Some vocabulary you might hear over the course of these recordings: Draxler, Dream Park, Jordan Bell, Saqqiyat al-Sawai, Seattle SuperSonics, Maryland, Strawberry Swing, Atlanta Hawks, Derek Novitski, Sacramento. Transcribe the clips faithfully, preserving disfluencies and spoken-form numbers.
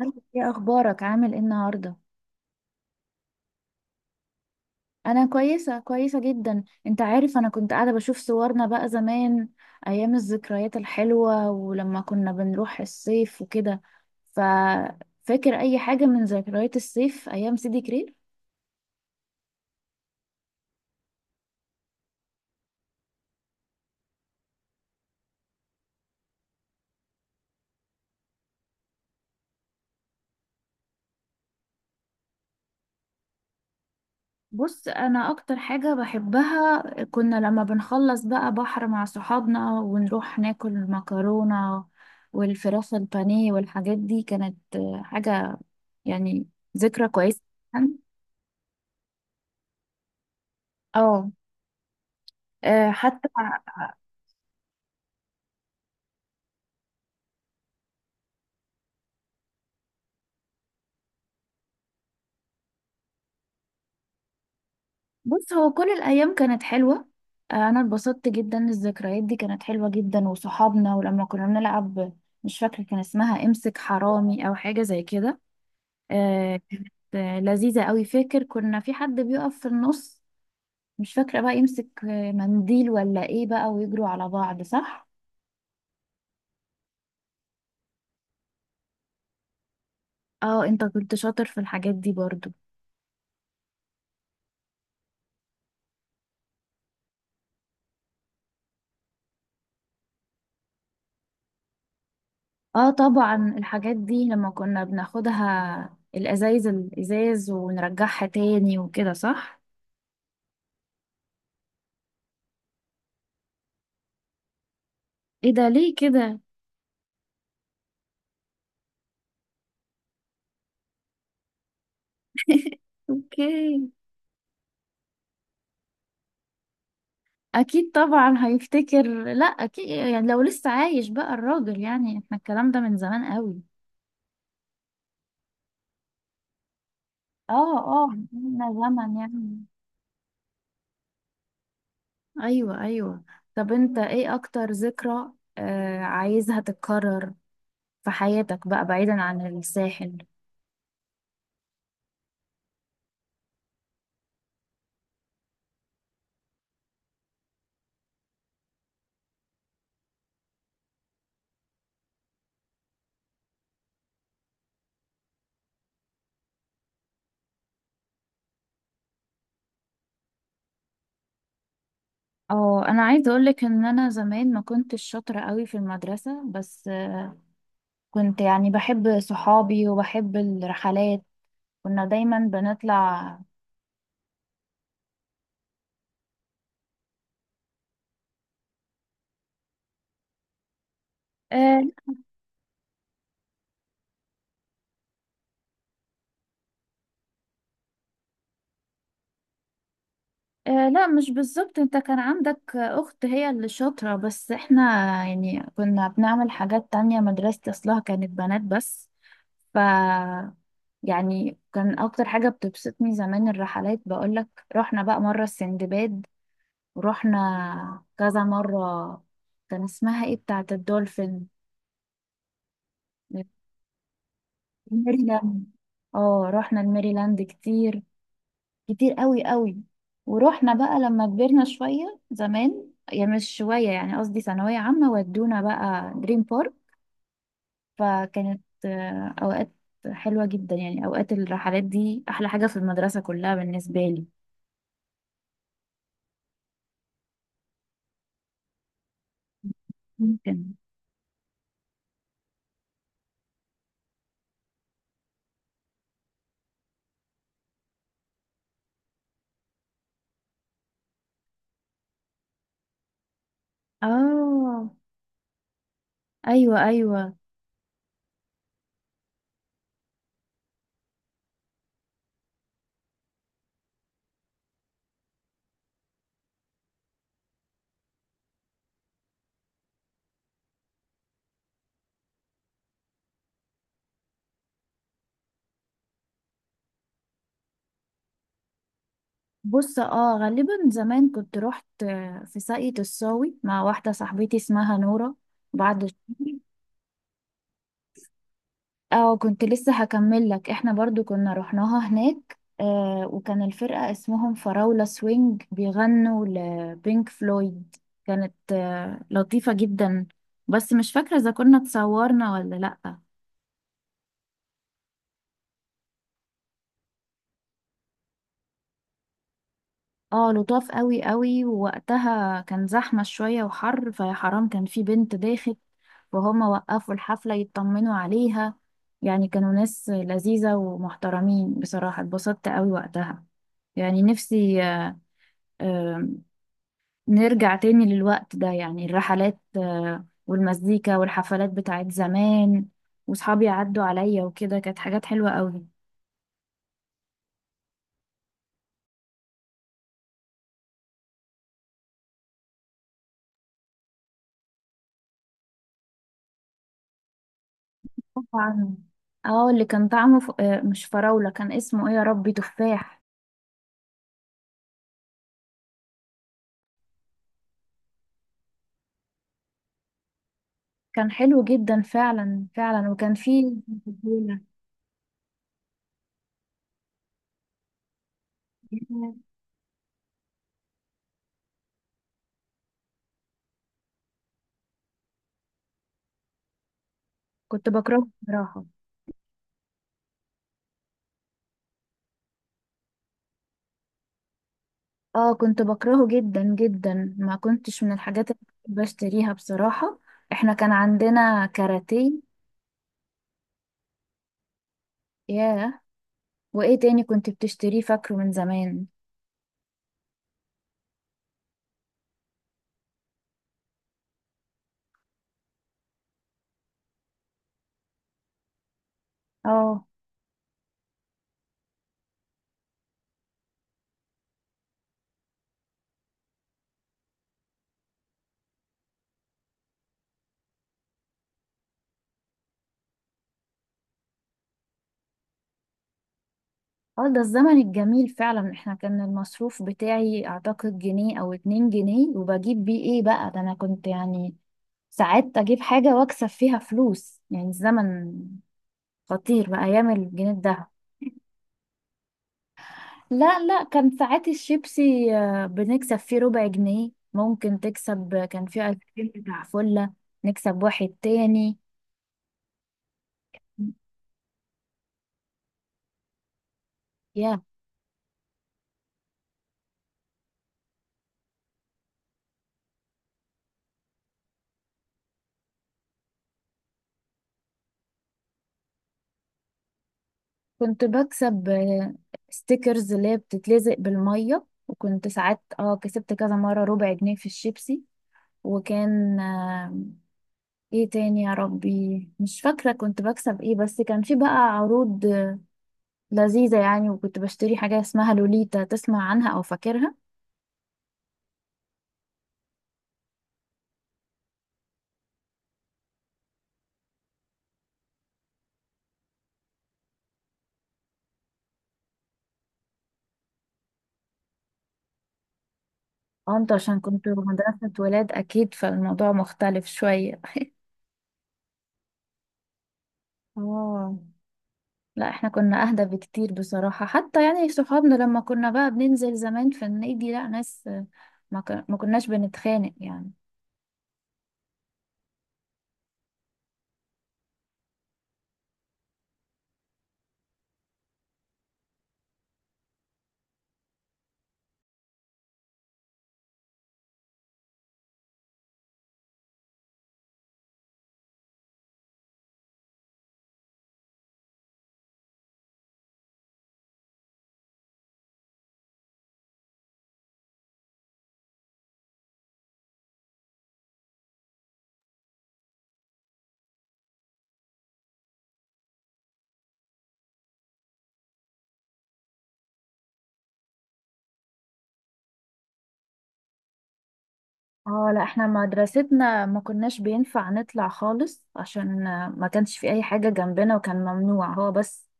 عامل ايه اخبارك؟ عامل ايه النهارده؟ انا كويسه كويسه جدا. انت عارف، انا كنت قاعده بشوف صورنا بقى زمان، ايام الذكريات الحلوه ولما كنا بنروح الصيف وكده. ففاكر اي حاجه من ذكريات الصيف ايام سيدي كرير؟ بص، انا اكتر حاجه بحبها كنا لما بنخلص بقى بحر مع صحابنا ونروح ناكل مكرونه والفراخ البانيه والحاجات دي. كانت آه، حاجه يعني ذكرى كويسه. اه، آه، حتى. بص، هو كل الأيام كانت حلوة. آه، أنا اتبسطت جدا. الذكريات دي كانت حلوة جدا، وصحابنا، ولما كنا بنلعب. مش فاكرة، كان اسمها امسك حرامي أو حاجة زي كده. آه، كانت آه، لذيذة أوي. فاكر كنا في حد بيقف في النص، مش فاكرة بقى، يمسك آه، منديل ولا ايه بقى، ويجروا على بعض، صح؟ اه، انت كنت شاطر في الحاجات دي برضو. اه طبعا الحاجات دي لما كنا بناخدها الأزايز الإزاز ونرجعها تاني وكده، صح؟ ايه ده؟ ليه كده؟ اوكي. اكيد طبعا هيفتكر. لا اكيد يعني لو لسه عايش بقى الراجل، يعني احنا الكلام ده من زمان قوي. اه. اه من زمن يعني. ايوه ايوه. طب انت ايه اكتر ذكرى آه عايزها تتكرر في حياتك بقى بعيدا عن الساحل؟ اه، انا عايزه اقولك ان انا زمان ما كنتش شاطره قوي في المدرسه، بس آه، كنت يعني بحب صحابي وبحب الرحلات. كنا دايما بنطلع. آه لا، مش بالظبط. انت كان عندك اخت هي اللي شاطرة، بس احنا يعني كنا بنعمل حاجات تانية. مدرستي اصلها كانت بنات بس. ف يعني كان اكتر حاجة بتبسطني زمان الرحلات، بقولك. رحنا بقى مرة السندباد، ورحنا كذا مرة. كان اسمها ايه بتاعة الدولفين؟ الميريلاند. اه رحنا الميريلاند كتير، كتير قوي قوي. ورحنا بقى لما كبرنا شوية، زمان يعني مش شوية، يعني قصدي ثانوية عامة، ودونا بقى دريم بارك. فكانت آه، أوقات حلوة جدا يعني. أوقات الرحلات دي أحلى حاجة في المدرسة كلها بالنسبة لي. ممكن. آه، أيوة أيوة. بص اه، غالبا زمان كنت رحت آه، في ساقية الصاوي مع واحدة صاحبتي اسمها نورة، بعد الشغل. اه كنت لسه هكمل لك، احنا برضو كنا رحناها هناك، آه، وكان الفرقة اسمهم فراولة سوينج، بيغنوا لبينك فلويد. كانت آه لطيفة جدا. بس مش فاكرة اذا كنا اتصورنا ولا لأ. اه لطاف قوي قوي، ووقتها كان زحمة شوية وحر. فيا حرام كان في بنت ضايخت، وهما وقفوا الحفلة يطمنوا عليها. يعني كانوا ناس لذيذة ومحترمين بصراحة. اتبسطت قوي وقتها. يعني نفسي آه، آه، نرجع تاني للوقت ده، يعني الرحلات آه، والمزيكا والحفلات بتاعت زمان، وصحابي عدوا عليا وكده. كانت حاجات حلوة قوي. طبعاً. اه اللي كان طعمه ف... آه، مش فراولة، كان اسمه ايه يا ربي؟ تفاح. كان حلو جدا، فعلا فعلا. وكان فيه فضيلة. كنت بكرهه بصراحة. اه كنت بكرهه جدا جدا، ما كنتش من الحاجات اللي بشتريها بصراحة. احنا كان عندنا كاراتيه. ياه. وايه تاني كنت بتشتريه فاكره من زمان؟ اه. اه، ده الزمن الجميل فعلا. احنا كان المصروف بتاعي اعتقد جنيه او اتنين جنيه، وبجيب بيه ايه بقى؟ ده انا كنت يعني ساعات اجيب حاجة واكسب فيها فلوس. يعني الزمن خطير بقى، ايام الجنيه الدهب. لا لا، كان ساعات الشيبسي آه، بنكسب فيه ربع جنيه. ممكن تكسب. كان فيه الفين بتاع فلة، نكسب واحد تاني. يا، كنت بكسب آه، ستيكرز اللي هي بتتلزق بالمية. وكنت ساعات اه كسبت كذا مرة ربع جنيه في الشيبسي. وكان آه، ايه تاني يا ربي؟ مش فاكرة كنت بكسب ايه. بس كان في بقى عروض آه، لذيذة يعني. وكنت بشتري حاجة اسمها لوليتا، تسمع عنها او فاكرها؟ اه انت عشان كنت مدرسة ولاد اكيد فالموضوع مختلف شوية. اه لا، احنا كنا اهدى بكتير بصراحة. حتى يعني صحابنا لما كنا بقى بننزل زمان في النادي لا ناس، ما ك- ما كناش بنتخانق يعني. اه لا احنا مدرستنا ما كناش بينفع نطلع خالص، عشان ما كانش في اي حاجة جنبنا، وكان ممنوع. هو بس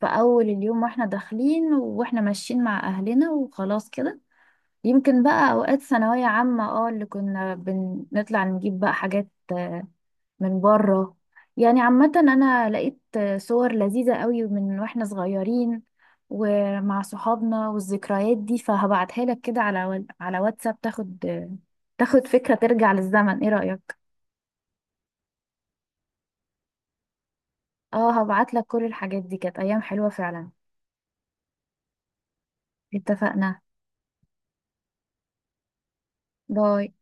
في اول اليوم، واحنا داخلين، واحنا ماشيين مع اهلنا، وخلاص كده. يمكن بقى اوقات ثانوية عامة اه اللي كنا بنطلع نجيب بقى حاجات من بره. يعني عامة أنا لقيت صور لذيذة قوي من وإحنا صغيرين، ومع صحابنا، والذكريات دي. فهبعتها لك كده على وال- على واتساب، تاخد تاخد فكرة، ترجع للزمن. إيه رأيك؟ اه هبعت لك. كل الحاجات دي كانت أيام حلوة فعلا. اتفقنا. باي.